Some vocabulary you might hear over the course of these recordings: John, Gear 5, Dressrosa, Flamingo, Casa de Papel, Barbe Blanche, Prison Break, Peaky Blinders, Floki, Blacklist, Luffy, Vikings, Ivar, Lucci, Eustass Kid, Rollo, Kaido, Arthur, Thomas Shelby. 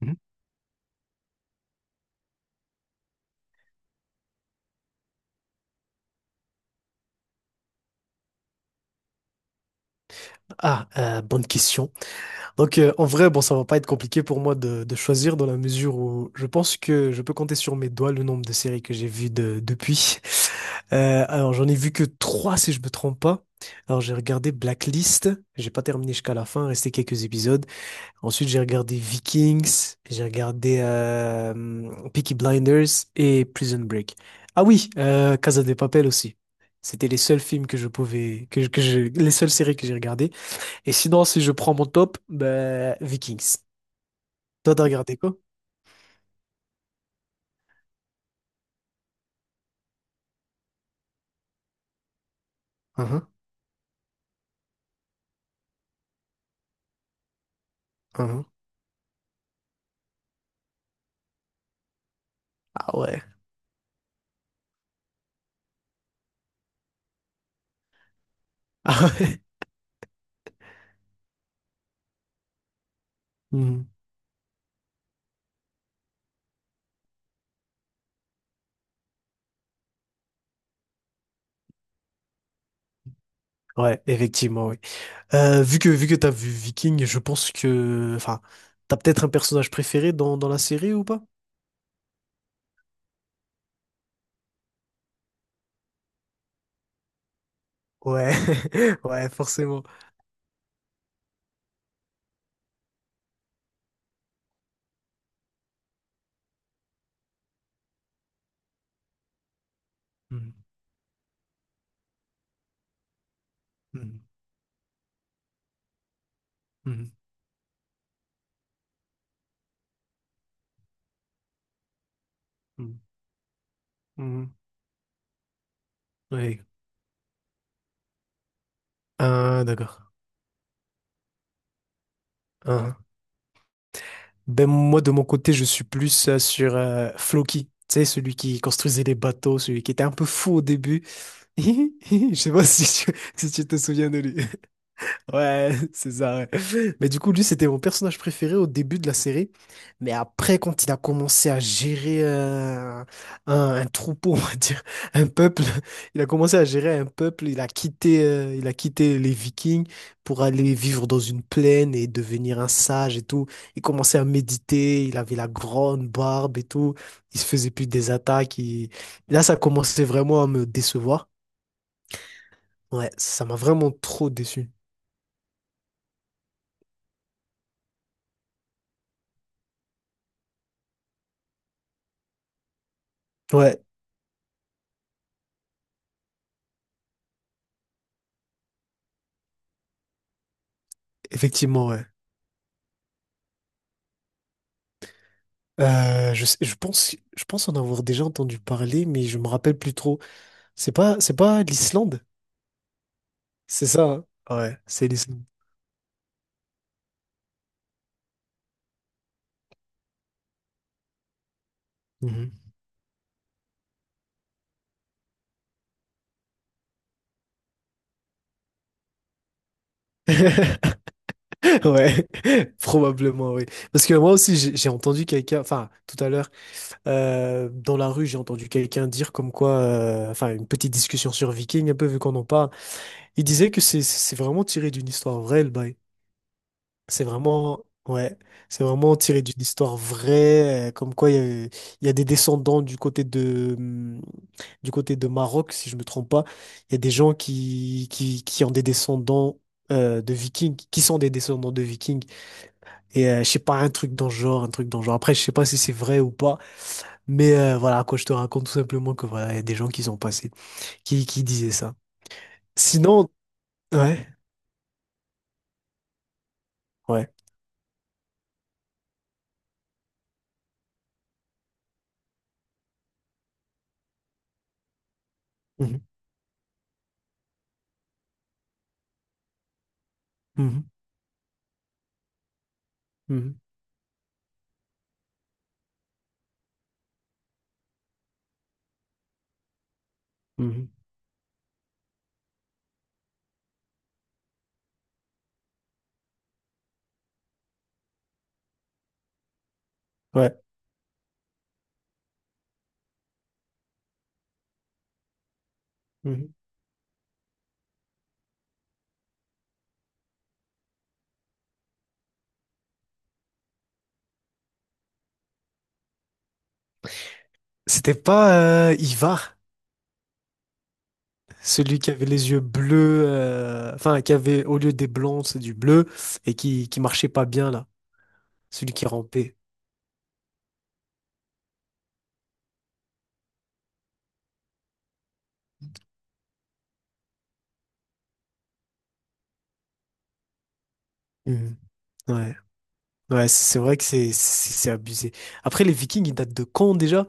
Mhm. Bonne question. En vrai, bon, ça va pas être compliqué pour moi de choisir dans la mesure où je pense que je peux compter sur mes doigts le nombre de séries que j'ai vues depuis. Alors, j'en ai vu que trois, si je me trompe pas. Alors, j'ai regardé Blacklist, j'ai pas terminé jusqu'à la fin, restait quelques épisodes. Ensuite, j'ai regardé Vikings, j'ai regardé Peaky Blinders et Prison Break. Oui, Casa de Papel aussi. C'était les seuls films que je pouvais, les seules séries que j'ai regardées. Et sinon, si je prends mon top, ben, Vikings. Toi, t'as regardé quoi? Uhum, uhum. Ah ouais. Ah ouais. Mhm. Ouais, effectivement, oui. Vu que t'as vu Viking, je pense que, enfin, t'as peut-être un personnage préféré dans la série ou pas? Ouais, ouais, forcément. Mhm, mhm, mhm, mhm, mhm. Oui. Ah, d'accord. Ah. Ben, moi, de mon côté, je suis plus sur Floki. Tu sais, celui qui construisait les bateaux, celui qui était un peu fou au début. Je sais pas si tu te souviens de lui. Ouais, c'est ça, ouais. Mais du coup, lui, c'était mon personnage préféré au début de la série. Mais après, quand il a commencé à gérer un troupeau, on va dire, un peuple, il a commencé à gérer un peuple. Il a quitté les Vikings pour aller vivre dans une plaine et devenir un sage et tout. Il commençait à méditer, il avait la grande barbe et tout. Il se faisait plus des attaques. Là, ça commençait vraiment à me décevoir. Ouais, ça m'a vraiment trop déçu. Ouais, effectivement, ouais. Je pense, je pense en avoir déjà entendu parler, mais je me rappelle plus trop. C'est pas l'Islande? C'est ça, hein. Ouais, c'est l'Islande. Mhm. Ouais, probablement, oui. Parce que moi aussi, j'ai entendu quelqu'un, enfin, tout à l'heure, dans la rue, j'ai entendu quelqu'un dire comme quoi, enfin, une petite discussion sur Viking, un peu vu qu'on en parle. Il disait que c'est vraiment tiré d'une histoire vraie, le bail. C'est vraiment, ouais, c'est vraiment tiré d'une histoire vraie, comme quoi il y a, il y a des descendants du côté de Maroc, si je me trompe pas. Il y a des gens qui ont des descendants de Vikings, qui sont des descendants de Vikings. Je sais pas, un truc dans le genre, un truc dans le genre. Après, je sais pas si c'est vrai ou pas, mais voilà, quoi, je te raconte tout simplement que voilà, il y a des gens qui sont passés, qui disaient ça. Sinon, ouais, ouais. Mhm, mhm, mhm, mhm, ouais. Mhm. C'était pas Ivar, celui qui avait les yeux bleus, enfin qui avait au lieu des blonds, c'est du bleu et qui marchait pas bien là, celui qui rampait. Mhm. Ouais, ouais, c'est vrai que c'est abusé. Après les Vikings, ils datent de quand déjà?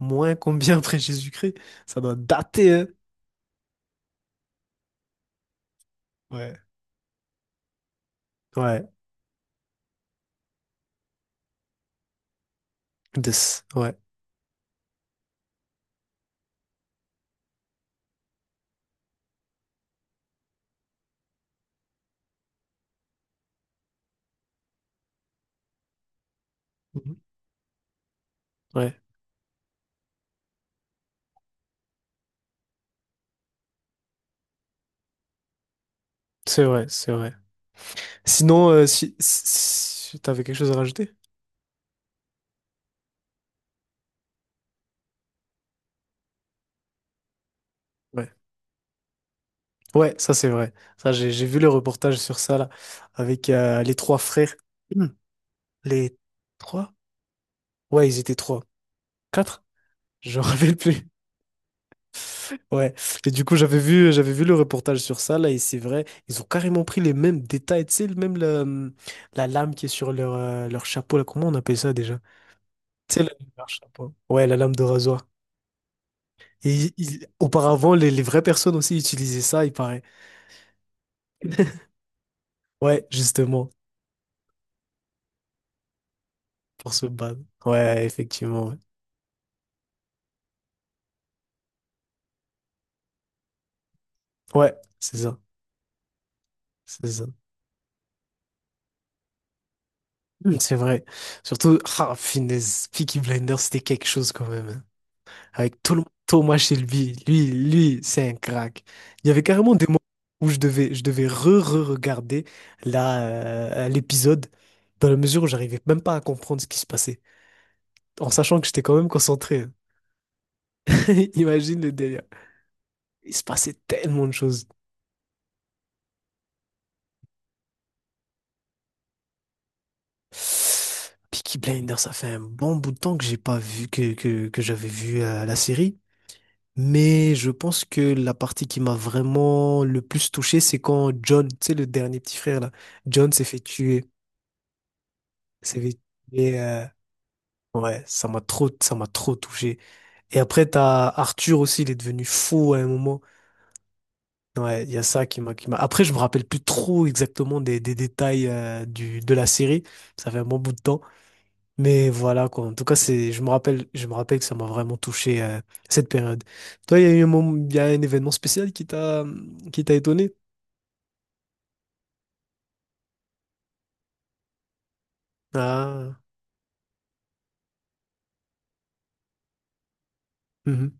Moins combien après Jésus-Christ? Ça doit dater, hein. Ouais, ouais, ouais. Mhm. Ouais. C'est vrai, c'est vrai. Sinon, si t'avais quelque chose à rajouter? Ouais. Ouais, ça c'est vrai. Ça, j'ai vu le reportage sur ça là, avec les trois frères. Hmm. Les trois? Ouais, ils étaient trois. Quatre? Je me rappelle plus. Ouais. Et du coup, j'avais vu le reportage sur ça là, et c'est vrai, ils ont carrément pris les mêmes détails, tu sais, la lame qui est sur leur, leur chapeau là. Comment on appelle ça déjà? Tu sais, le- Leur chapeau. Ouais, la lame de rasoir. Auparavant, les vraies personnes aussi utilisaient ça, il paraît. Ouais, justement, pour se battre. Ouais, effectivement. Ouais. Ouais, c'est ça. C'est ça. Mm, c'est vrai. Surtout, ah, finesse, Peaky Blinders, c'était quelque chose quand même, hein. Avec tout le Thomas Shelby, lui, c'est un crack. Il y avait carrément des moments où je devais re-re-regarder la, l'épisode dans la mesure où j'arrivais même pas à comprendre ce qui se passait, en sachant que j'étais quand même concentré, hein. Imagine le délire. Il se passait tellement de choses. Peaky Blinders, ça fait un bon bout de temps que j'ai pas vu que j'avais vu la série. Mais je pense que la partie qui m'a vraiment le plus touché, c'est quand John, tu sais, le dernier petit frère là, John s'est fait tuer. S'est fait tuer. Ouais, ça m'a trop touché. Et après, t'as Arthur aussi, il est devenu fou à un moment. Ouais, il y a ça qui m'a, qui m'a. Après, je me rappelle plus trop exactement des détails euh, de la série. Ça fait un bon bout de temps. Mais voilà, quoi. En tout cas, c'est, je me rappelle que ça m'a vraiment touché cette période. Toi, il y a eu un moment, il y a un événement spécial qui t'a étonné? Ah, mhm,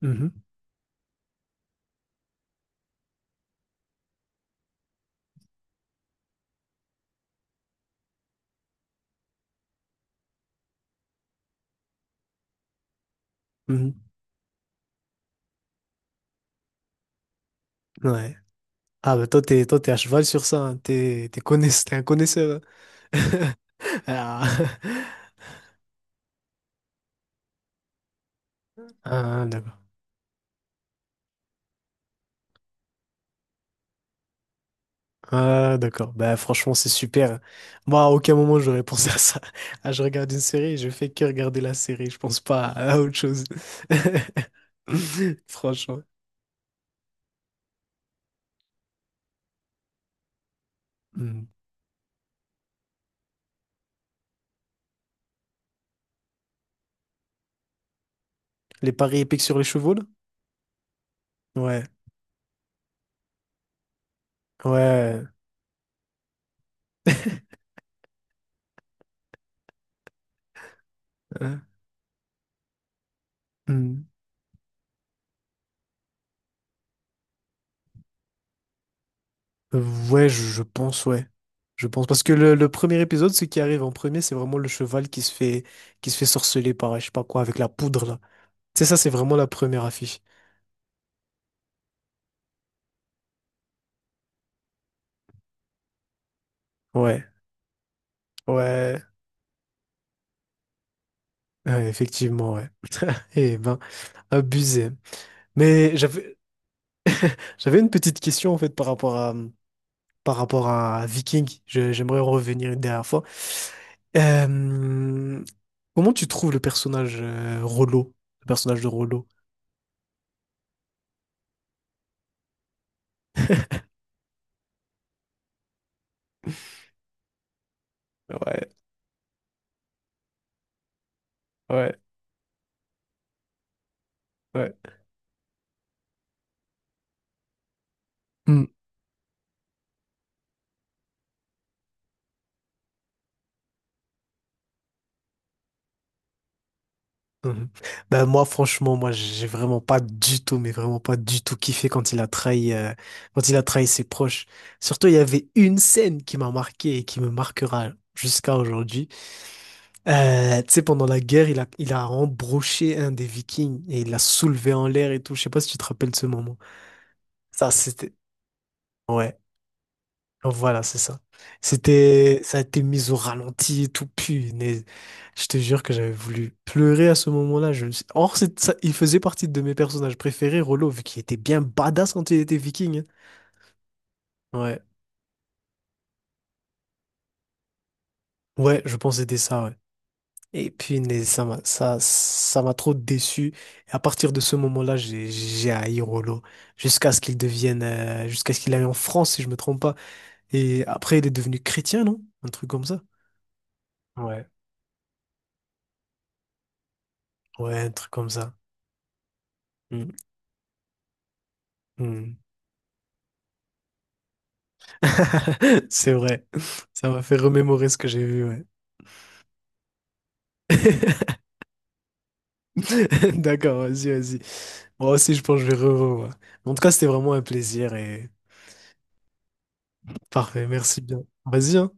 mhm, mhm, ouais. Ah, bah toi, toi, t'es à cheval sur ça, hein. T'es un connaisseur, hein. Ah, ah, d'accord. Ah, d'accord. Bah, franchement, c'est super, hein. Moi, à aucun moment, j'aurais pensé à ça. Ah, je regarde une série, je fais que regarder la série. Je pense pas à autre chose. Franchement. Hmm. Les paris épiques sur les chevaux, là? Ouais. Ouais. Hein. Hmm. Ouais, je pense, ouais. Je pense. Parce que le premier épisode, ce qui arrive en premier, c'est vraiment le cheval qui se fait sorceler par, je sais pas quoi, avec la poudre, là. Tu sais, ça, c'est vraiment la première affiche. Ouais, ouais, ouais, effectivement, ouais. Eh ben, abusé. Mais j'avais une petite question, en fait, par rapport à Viking. J'aimerais en revenir une dernière fois. Euh, Comment tu trouves le personnage le personnage de Rollo? Ouais, ouais, ouais. Mhm. Ben moi franchement moi j'ai vraiment pas du tout mais vraiment pas du tout kiffé quand il a trahi quand il a trahi ses proches. Surtout il y avait une scène qui m'a marqué et qui me marquera jusqu'à aujourd'hui. Tu sais, pendant la guerre il a embroché un des Vikings et il l'a soulevé en l'air et tout. Je sais pas si tu te rappelles de ce moment. Ça c'était, ouais. Voilà, c'est ça. C'était, ça a été mis au ralenti et tout, punaise. Je te jure que j'avais voulu pleurer à ce moment-là. Je me suis... Or, c'est ça, il faisait partie de mes personnages préférés, Rollo, vu qu'il était bien badass quand il était viking, hein. Ouais, ouais, je pense que c'était ça, ouais. Et punaise, ça m'a, ça m'a trop déçu. Et à partir de ce moment-là, j'ai haï Rollo. Jusqu'à ce qu'il aille en France, si je me trompe pas. Et après, il est devenu chrétien, non? Un truc comme ça. Ouais, ouais, un truc comme ça. Hmm. C'est vrai. Ça m'a fait remémorer ce que j'ai vu, ouais. D'accord, vas-y, vas-y. Moi aussi, je pense que je vais revoir. En tout cas, c'était vraiment un plaisir et parfait. Merci bien. Vas-y, hein.